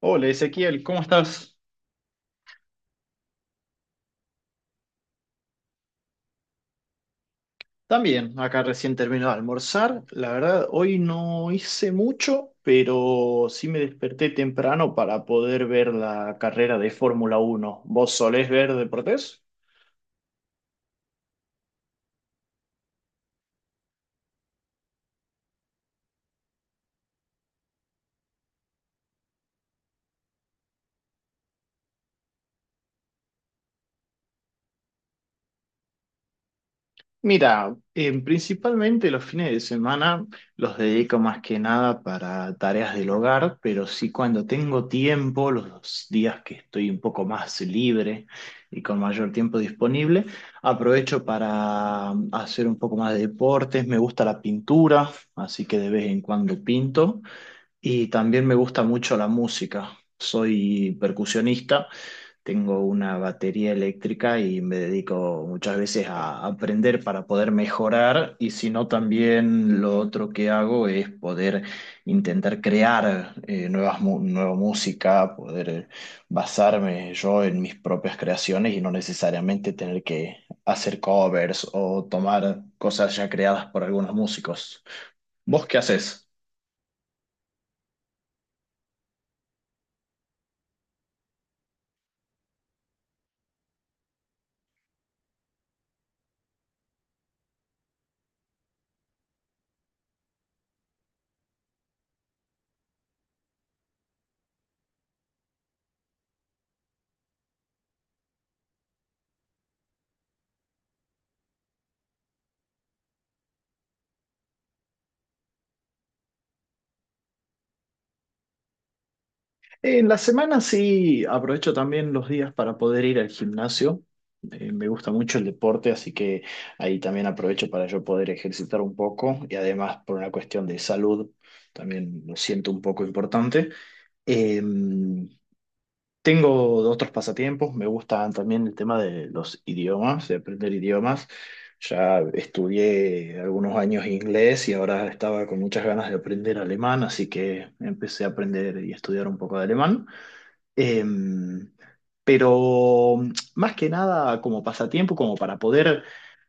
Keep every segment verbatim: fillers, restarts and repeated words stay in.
Hola Ezequiel, ¿cómo estás? También, acá recién termino de almorzar. La verdad, hoy no hice mucho, pero sí me desperté temprano para poder ver la carrera de Fórmula Uno. ¿Vos solés ver deportes? Mira, em, principalmente los fines de semana los dedico más que nada para tareas del hogar, pero sí cuando tengo tiempo, los días que estoy un poco más libre y con mayor tiempo disponible, aprovecho para mm, hacer un poco más de deportes. Me gusta la pintura, así que de vez en cuando pinto y también me gusta mucho la música. Soy percusionista. Tengo una batería eléctrica y me dedico muchas veces a aprender para poder mejorar y si no también lo otro que hago es poder intentar crear eh, nuevas mu- nueva música, poder eh, basarme yo en mis propias creaciones y no necesariamente tener que hacer covers o tomar cosas ya creadas por algunos músicos. ¿Vos qué haces? En la semana sí aprovecho también los días para poder ir al gimnasio. Eh, me gusta mucho el deporte, así que ahí también aprovecho para yo poder ejercitar un poco y además por una cuestión de salud también lo siento un poco importante. Eh, Tengo otros pasatiempos, me gusta también el tema de los idiomas, de aprender idiomas. Ya estudié algunos años inglés y ahora estaba con muchas ganas de aprender alemán, así que empecé a aprender y estudiar un poco de alemán. Em, pero más que nada como pasatiempo, como para poder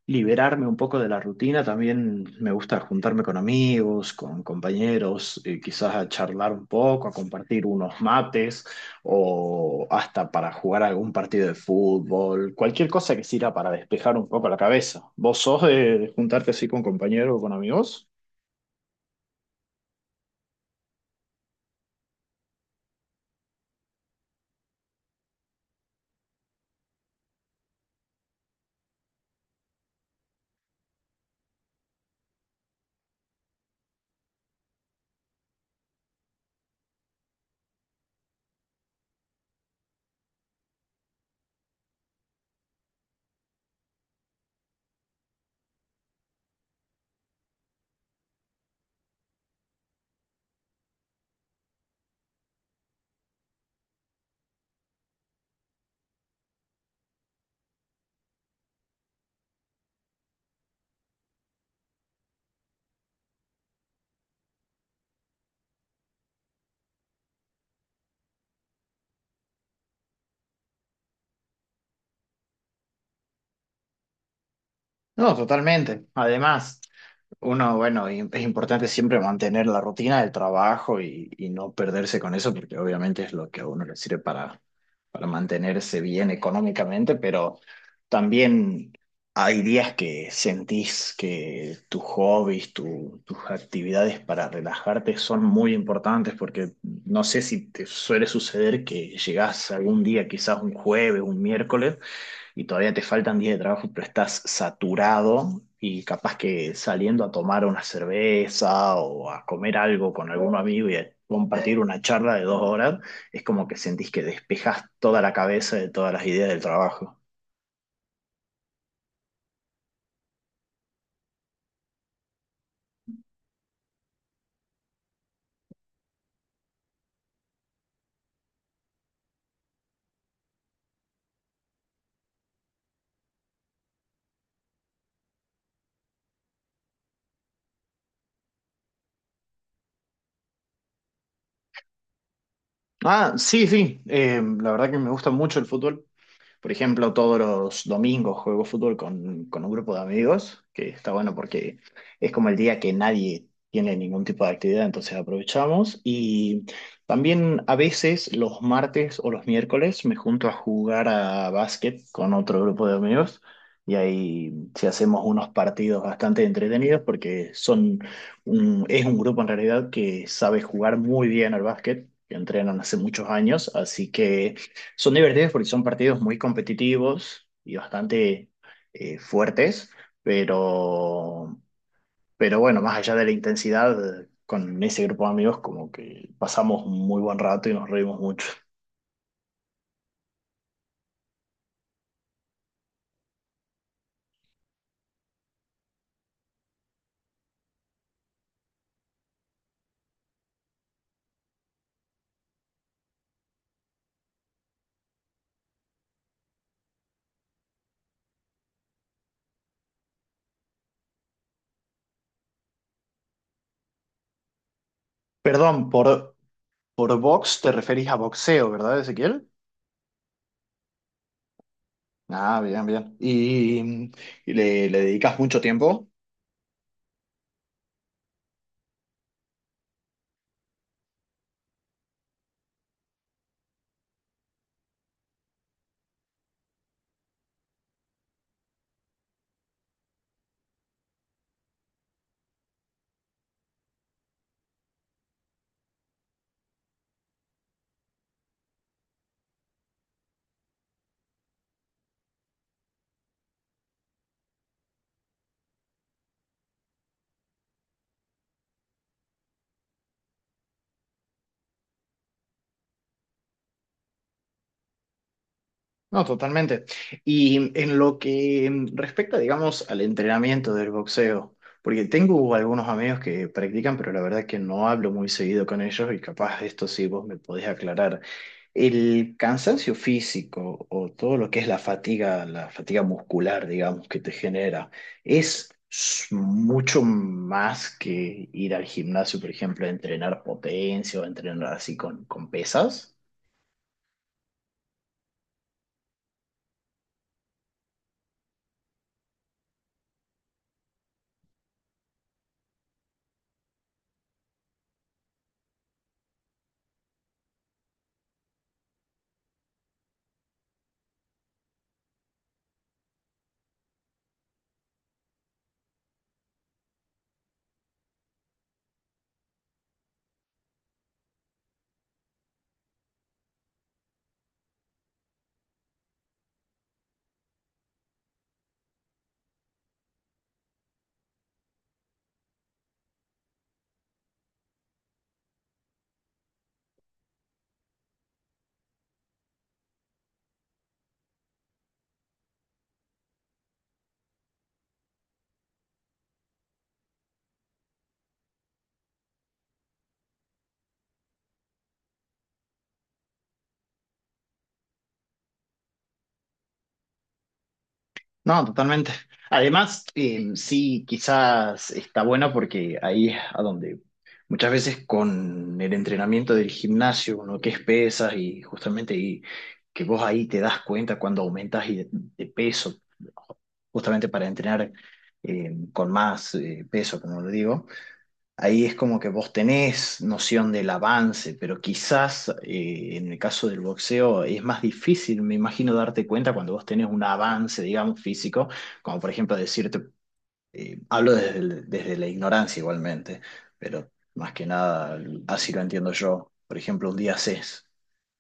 liberarme un poco de la rutina, también me gusta juntarme con amigos, con compañeros, eh, quizás a charlar un poco, a compartir unos mates o hasta para jugar algún partido de fútbol, cualquier cosa que sirva para despejar un poco la cabeza. ¿Vos sos de, de juntarte así con compañeros o con amigos? No, totalmente. Además, uno, bueno, im- es importante siempre mantener la rutina del trabajo y, y no perderse con eso, porque obviamente es lo que a uno le sirve para, para mantenerse bien económicamente, pero también hay días que sentís que tus hobbies, tu- tus actividades para relajarte son muy importantes, porque no sé si te suele suceder que llegás algún día, quizás un jueves, un miércoles y todavía te faltan días de trabajo, pero estás saturado y capaz que saliendo a tomar una cerveza o a comer algo con algún amigo y a compartir una charla de dos horas, es como que sentís que despejas toda la cabeza de todas las ideas del trabajo. Ah, sí, sí, eh, la verdad que me gusta mucho el fútbol. Por ejemplo, todos los domingos juego fútbol con, con un grupo de amigos, que está bueno porque es como el día que nadie tiene ningún tipo de actividad, entonces aprovechamos. Y también a veces los martes o los miércoles me junto a jugar a básquet con otro grupo de amigos. Y ahí sí hacemos unos partidos bastante entretenidos porque son un- es un grupo en realidad que sabe jugar muy bien al básquet, que entrenan hace muchos años, así que son divertidos porque son partidos muy competitivos y bastante eh, fuertes, pero, pero bueno, más allá de la intensidad, con ese grupo de amigos como que pasamos un muy buen rato y nos reímos mucho. Perdón, por, por box te referís a boxeo, ¿verdad, Ezequiel? Ah, bien, bien. ¿Y, y le, le dedicas mucho tiempo? No, totalmente. Y en lo que mm, respecta, digamos, al entrenamiento del boxeo, porque tengo algunos amigos que practican, pero la verdad que no hablo muy seguido con ellos y capaz esto sí vos me podés aclarar. El cansancio físico o todo lo que es la fatiga, la fatiga muscular, digamos, que te genera, es s- mucho más que ir al gimnasio, por ejemplo, a entrenar potencia o entrenar así con, con pesas. No, totalmente. Además, eh, sí, quizás está bueno porque ahí es a donde muchas veces con el entrenamiento del gimnasio, uno que es pesas y justamente y que vos ahí te das cuenta cuando aumentas y de, de peso, justamente para entrenar eh, con más eh, peso, como lo digo. Ahí es como que vos tenés noción del avance, pero quizás eh, en el caso del boxeo es más difícil, me imagino, darte cuenta cuando vos tenés un avance, digamos, físico, como por ejemplo decirte, eh, hablo desde, el- desde la ignorancia igualmente, pero más que nada así lo entiendo yo. Por ejemplo, un día haces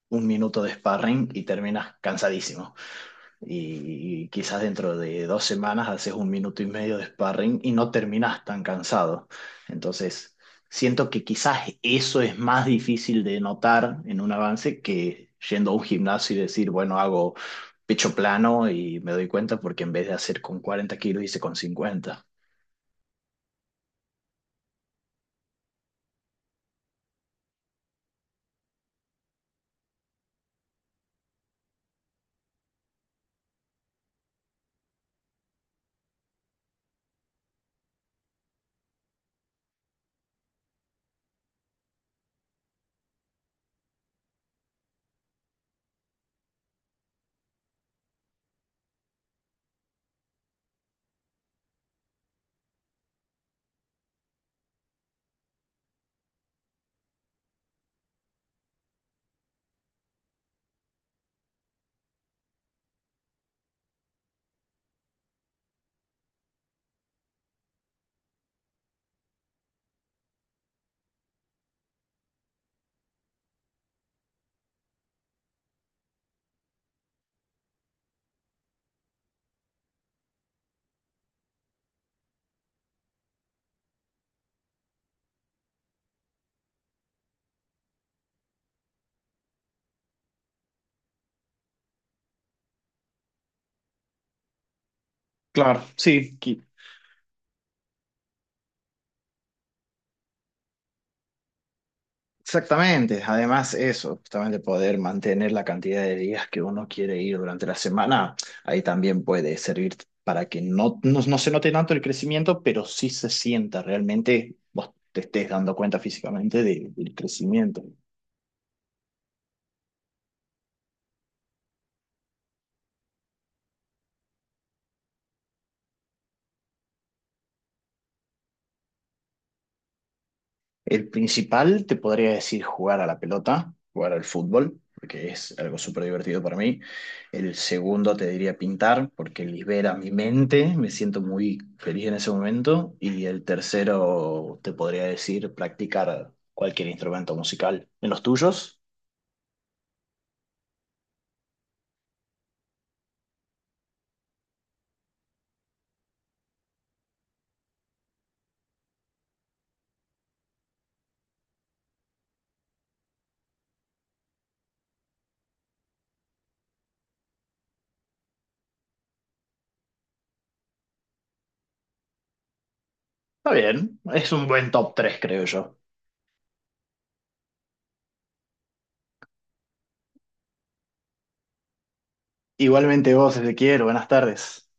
un minuto de sparring y terminas cansadísimo y quizás dentro de dos semanas haces un minuto y medio de sparring y no terminas tan cansado. Entonces, siento que quizás eso es más difícil de notar en un avance que yendo a un gimnasio y decir, bueno, hago pecho plano y me doy cuenta porque en vez de hacer con cuarenta kilos hice con cincuenta. Claro, sí, qui- exactamente, además eso, justamente poder mantener la cantidad de días que uno quiere ir durante la semana, ahí también puede servir para que no, no, no se note tanto el crecimiento, pero sí se sienta realmente, vos te estés dando cuenta físicamente de- del crecimiento. El principal, te podría decir jugar a la pelota, jugar al fútbol, porque es algo súper divertido para mí. El segundo, te diría pintar, porque libera mi mente, me siento muy feliz en ese momento. Y el tercero, te podría decir practicar cualquier instrumento musical. ¿En los tuyos? Está bien, es un buen top tres, creo yo. Igualmente vos, Ezequiel, buenas tardes.